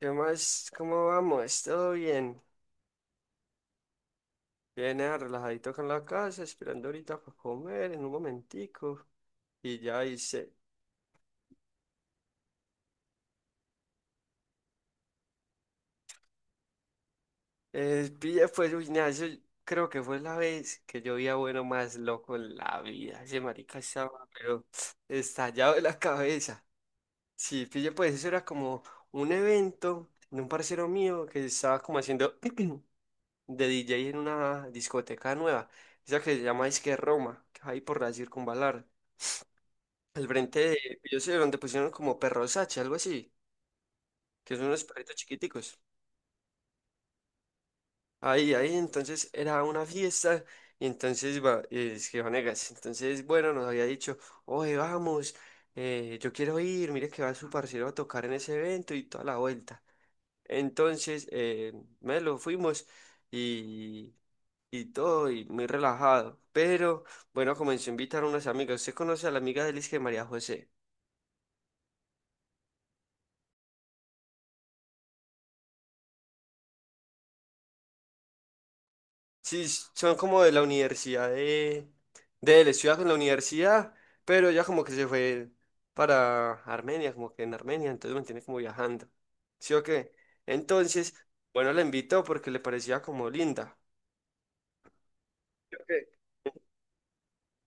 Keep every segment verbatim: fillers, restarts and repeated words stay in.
¿Qué más? ¿Cómo vamos? ¿Todo bien? Bien, ah, relajadito acá en la casa, esperando ahorita para comer en un momentico. Y ya hice. Eh, pille, pues, uy, nea, eso creo que fue la vez que yo vi a Bueno más loco en la vida. Ese marica estaba, pero estallado de la cabeza. Sí, pille, pues, eso era como un evento de un parcero mío que estaba como haciendo de D J en una discoteca nueva. Esa que se llama Disque Roma, que hay por la Circunvalar. Al frente de, yo sé, donde pusieron como perros Sachi, algo así, que son unos perritos chiquiticos. Ahí, ahí, entonces era una fiesta, y entonces va, eh, es que Vanegas, entonces, bueno, nos había dicho, oye, vamos, eh, yo quiero ir, mire que va su parcero a tocar en ese evento y toda la vuelta. Entonces, eh, me lo fuimos y, y todo, y muy relajado. Pero, bueno, comenzó a invitar a unas amigas. ¿Usted conoce a la amiga de Liz que María José? Sí, son como de la universidad de, de él, estudia con la universidad, pero ella como que se fue para Armenia, como que en Armenia, entonces mantiene como viajando. ¿Sí o qué? Entonces, bueno, la invitó porque le parecía como linda. Ok.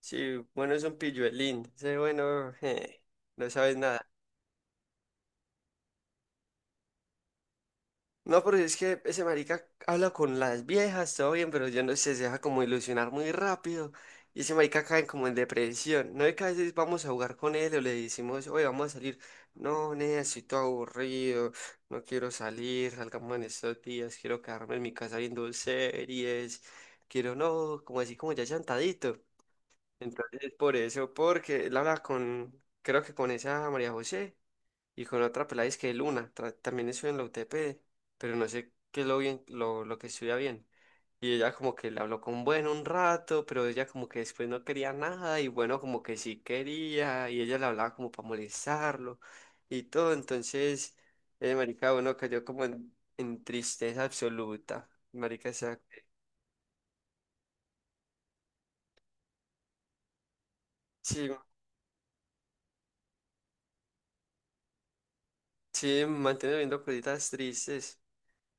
Sí, bueno, es un pilluelín. Dice, bueno, eh, no sabes nada. No, pero es que ese marica habla con las viejas, todo bien, pero yo no sé, se deja como ilusionar muy rápido. Y ese marica cae como en depresión. No es que a veces vamos a jugar con él o le decimos, oye, vamos a salir. No, nena, estoy todo aburrido, no quiero salir, salgamos en estos días, quiero quedarme en mi casa viendo series, quiero no, como así como ya llantadito. Entonces, por eso, porque él habla con, creo que con esa María José y con otra pelada es que Luna, tra- también estudia en la U T P, pero no sé qué es lo bien, lo, lo que estudia bien. Y ella como que le habló con Bueno un rato, pero ella como que después no quería nada y Bueno como que sí quería y ella le hablaba como para molestarlo y todo. Entonces, eh, marica, bueno, cayó como en, en tristeza absoluta. Marica, o sea, sí, sí, mantiene viendo cositas tristes.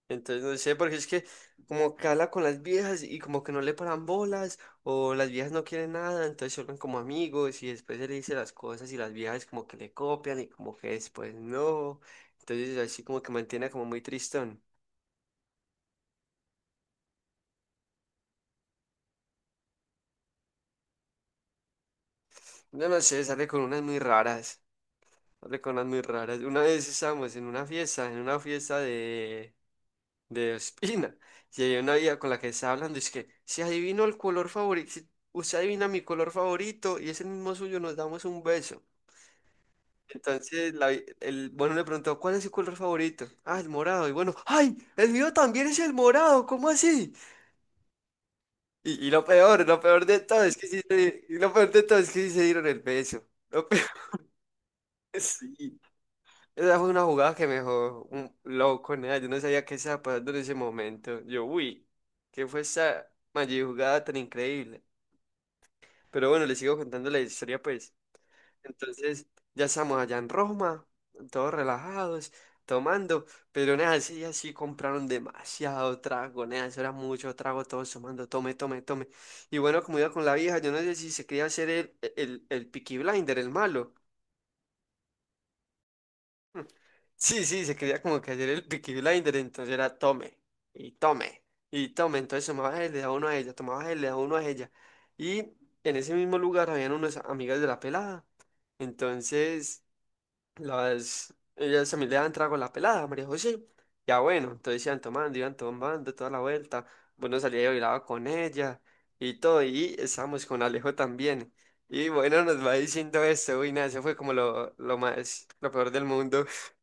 Entonces no sé, porque es que como que habla con las viejas y como que no le paran bolas o las viejas no quieren nada, entonces se vuelven como amigos y después él le dice las cosas y las viejas como que le copian y como que después no. Entonces así como que mantiene como muy tristón. No, no sé, sale con unas muy raras, sale con unas muy raras. Una vez estábamos en una fiesta, en una fiesta de, de Ospina y había una vieja con la que estaba hablando y es que si adivino el color favorito. Si usted adivina mi color favorito y es el mismo suyo, nos damos un beso. Entonces, la vi- el, bueno, le preguntó, ¿cuál es su color favorito? Ah, el morado. Y bueno, ¡ay! El mío también es el morado, ¿cómo así? Y, y lo peor, lo peor de todo es que sí se, y lo peor de todo es que sí se dieron el beso. Lo peor, sí. Esa fue una jugada que me dejó un loco, nada. Yo no sabía qué estaba pasando en ese momento. Yo, uy, ¿qué fue esa mayor jugada tan increíble? Pero bueno, les sigo contando la historia, pues. Entonces, ya estamos allá en Roma, todos relajados, tomando, pero nada, ese día sí compraron demasiado trago, nada, eso era mucho trago, todos tomando, tome, tome, tome. Y bueno, como iba con la vieja, yo no sé si se quería hacer el, el, el Peaky Blinder, el malo. Hmm. Sí, sí, se quería como que hacer el Peaky Blinder, entonces era tome, y tome, y tome, entonces tomaba él, le daba uno a ella, tomaba él, le daba uno a ella. Y en ese mismo lugar habían unas amigas de la pelada, entonces... Las, ellas se me le daban trago a la pelada, María José. Ya bueno, entonces iban tomando, iban tomando toda la vuelta. Bueno, salía y bailaba con ella y todo. Y estábamos con Alejo también. Y bueno, nos va diciendo esto. Uy, nada, eso fue como lo, lo más, lo peor del mundo.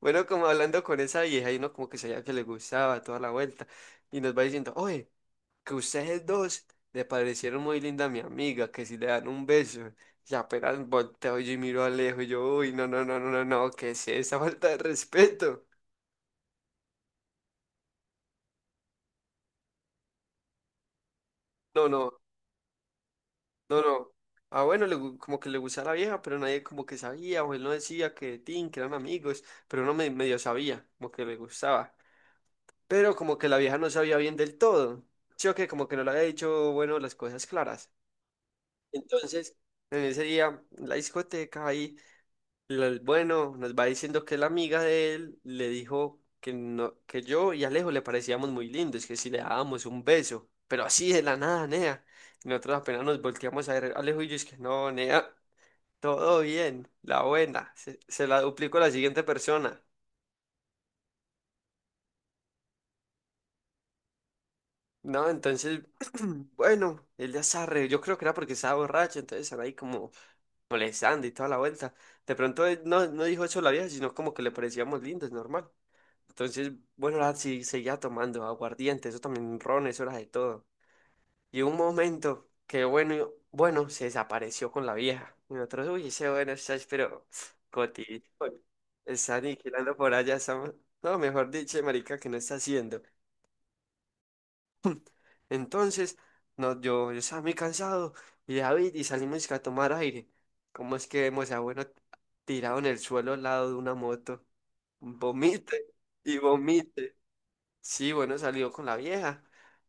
Bueno, como hablando con esa vieja y uno como que sabía que le gustaba toda la vuelta. Y nos va diciendo, oye que ustedes dos le parecieron muy linda a mi amiga, que si le dan un beso, y apenas volteo y miro a lejos, y yo, uy, no, no, no, no, no, no, ¿qué es esa falta de respeto? No, no, no, no. Ah, bueno, le gu- como que le gustaba la vieja, pero nadie como que sabía, o él no decía que Tin, que eran amigos, pero uno me- medio sabía, como que le gustaba. Pero como que la vieja no sabía bien del todo. Yo que como que no le había dicho, bueno, las cosas claras. Entonces, en ese día, en la discoteca ahí. Lo- bueno, nos va diciendo que la amiga de él le dijo que, no, que yo y Alejo le parecíamos muy lindos, que si le dábamos un beso, pero así de la nada, nea. Y nosotros apenas nos volteamos a ver, Alejo y yo, es que no, nea, todo bien, la buena, se, se la duplicó a la siguiente persona. No, entonces, bueno, él ya se arre, yo creo que era porque estaba borracho, entonces estaba ahí como molestando y toda la vuelta. De pronto él no, no dijo eso a la vieja, sino como que le parecíamos lindos, normal. Entonces, bueno, la, sí, seguía tomando aguardiente, eso también ron, eso era de todo. Y un momento que, bueno, yo- bueno, se desapareció con la vieja. Y nosotros, uy, ese bueno, estás, pero, Coti, está aniquilando por allá, está- no, mejor dicho, marica, que no está haciendo. Entonces, no, yo, yo estaba muy cansado, y David, y salimos a tomar aire. ¿Cómo es que vemos a bueno tirado en el suelo al lado de una moto? Vomite y vomite. Sí, bueno, salió con la vieja.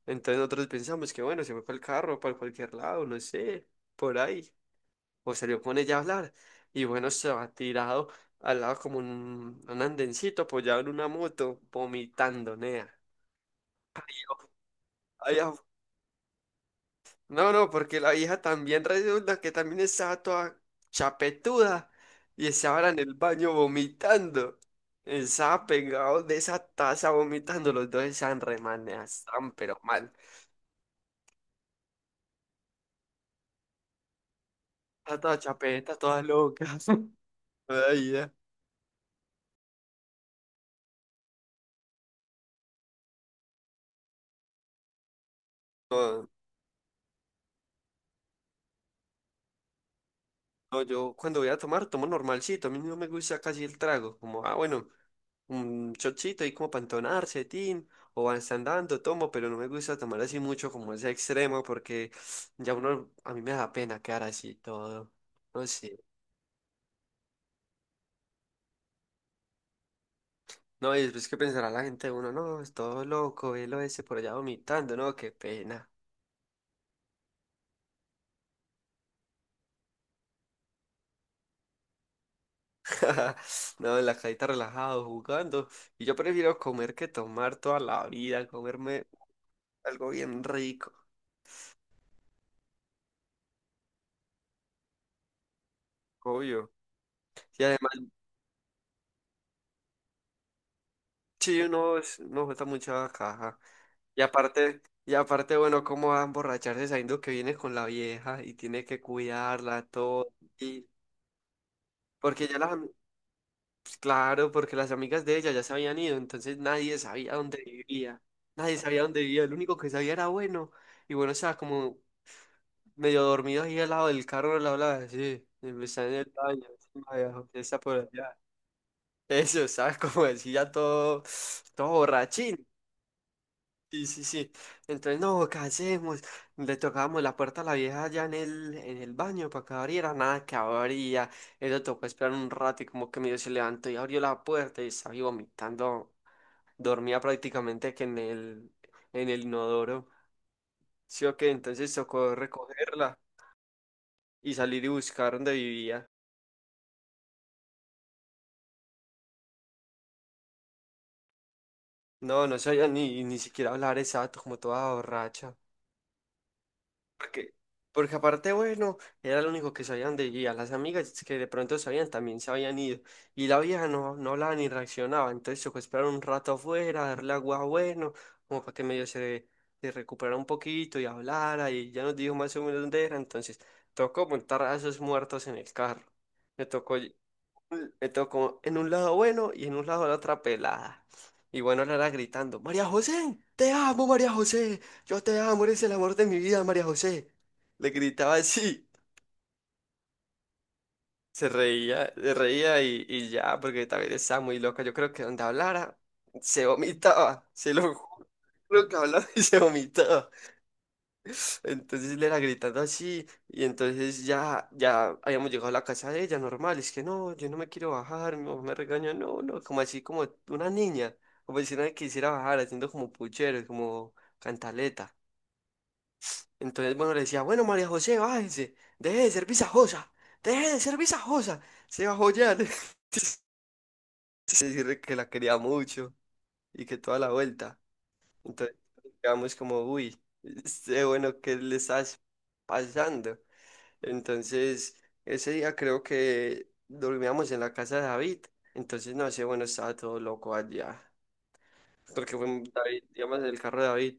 Entonces nosotros pensamos que bueno, se fue para el carro, para cualquier lado, no sé, por ahí. O salió con ella a hablar. Y bueno, se ha tirado al lado como un, un andencito apoyado en una moto, vomitando, nea. Ay, ah, no, no, porque la vieja también resulta que también estaba toda chapetuda y estaba en el baño vomitando. Estaba pegado de esa taza vomitando, los dos estaban re mal, nea, estaban pero mal. Está toda chapeta, todas locas. Ay, ya. No, no, yo cuando voy a tomar, tomo normalcito. A mí no me gusta casi el trago. Como, ah, bueno, un chochito ahí como para entonarse, tin. O van andando, tomo, pero no me gusta tomar así mucho como ese extremo porque ya uno, a mí me da pena quedar así todo. No sé. No, y después que pensará la gente, uno, no, es todo loco, velo ese por allá vomitando, no, qué pena. No, en la cajita relajado, jugando. Y yo prefiero comer que tomar toda la vida, comerme algo bien rico, obvio. Y además, sí, uno, es- uno está mucha caja. Y aparte, y aparte, bueno, cómo va a emborracharse sabiendo que viene con la vieja y tiene que cuidarla, todo. Y porque ya las, am- pues, claro, porque las amigas de ella ya se habían ido, entonces nadie sabía dónde vivía. Nadie sabía dónde vivía, el único que sabía era bueno. Y bueno, o sea, como medio dormido ahí al lado del carro, al lado de la habla así, y me está en el baño, así, viejo, que está por allá. Eso, ¿sabes? Como decía todo, todo borrachín. Sí, sí, sí. Entonces, no, ¿qué hacemos? Le tocábamos la puerta a la vieja allá en el, en el baño para que abriera, nada que abría. Eso tocó esperar un rato y como que medio se levantó y abrió la puerta y estaba ahí vomitando. Dormía prácticamente que en el, en el inodoro. Sí, ok, entonces tocó recogerla y salir y buscar dónde vivía. No, no sabía ni, ni siquiera hablar exacto, como toda borracha. Porque, porque aparte, bueno, era lo único que sabían de ella. Las amigas que de pronto sabían también se habían ido. Y la vieja no, no hablaba ni reaccionaba. Entonces tocó esperar un rato afuera, darle agua bueno, como para que medio se, se recuperara un poquito y hablara. Y ya nos dijo más o menos dónde era. Entonces tocó montar a esos muertos en el carro. Me tocó. Me tocó en un lado bueno y en un lado la otra pelada. Y bueno, la era gritando, María José, te amo, María José, yo te amo, eres el amor de mi vida, María José. Le gritaba así, se reía, se reía y, y ya, porque también estaba muy loca. Yo creo que donde hablara, se vomitaba, se lo juro que hablaba y se vomitaba. Entonces le era gritando así y entonces ya, ya habíamos llegado a la casa de ella, normal, es que no, yo no me quiero bajar, mi mamá me regaña no, no, como así como una niña, como si nadie quisiera bajar, haciendo como puchero, como cantaleta. Entonces, bueno, le decía, bueno, María José, bájese, deje de ser visajosa, deje de ser visajosa, se bajó ya, le- decirle que la quería mucho y que toda la vuelta. Entonces, quedamos como, uy, este, bueno, ¿qué le estás pasando? Entonces, ese día creo que dormíamos en la casa de David. Entonces, no sé, bueno, estaba todo loco allá. Porque fue David, digamos, el carro de David.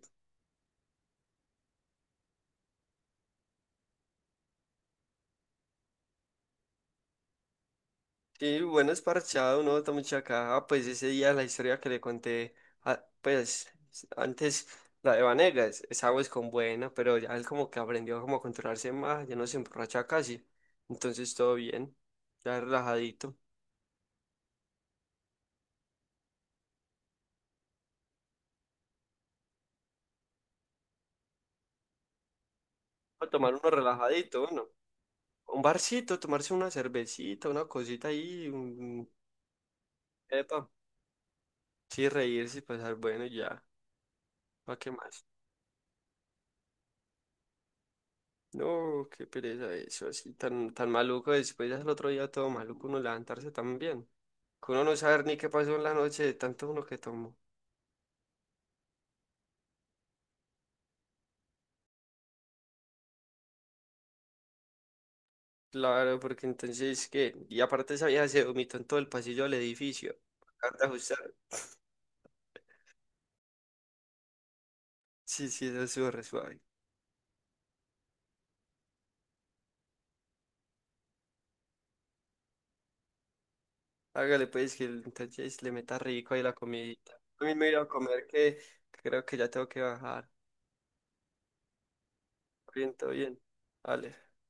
Y bueno, es parchado, uno está mucha caja. Pues ese día la historia que le conté, a- pues antes, la de Vanegas, esa es con buena, pero ya él como que aprendió como a controlarse más, ya no se emborracha casi. Entonces, todo bien, ya relajadito. A tomar uno relajadito, ¿no? Un barcito, tomarse una cervecita, una cosita ahí, un... Epa. Sí, reírse y pasar bueno y ya. ¿Para qué más? No, qué pereza eso, así tan, tan maluco. Después ya el otro día todo maluco uno levantarse también. Que uno no saber ni qué pasó en la noche de tanto uno que tomó. Claro, porque entonces que... Y aparte esa vieja se vomitó en todo el pasillo del edificio. Acá de ajustar. Sí, sí, eso estuvo re suave. Hágale pues que el- entonces le meta rico ahí la comidita. A mí me voy a ir a comer que creo que ya tengo que bajar. Bien, todo bien. Vale.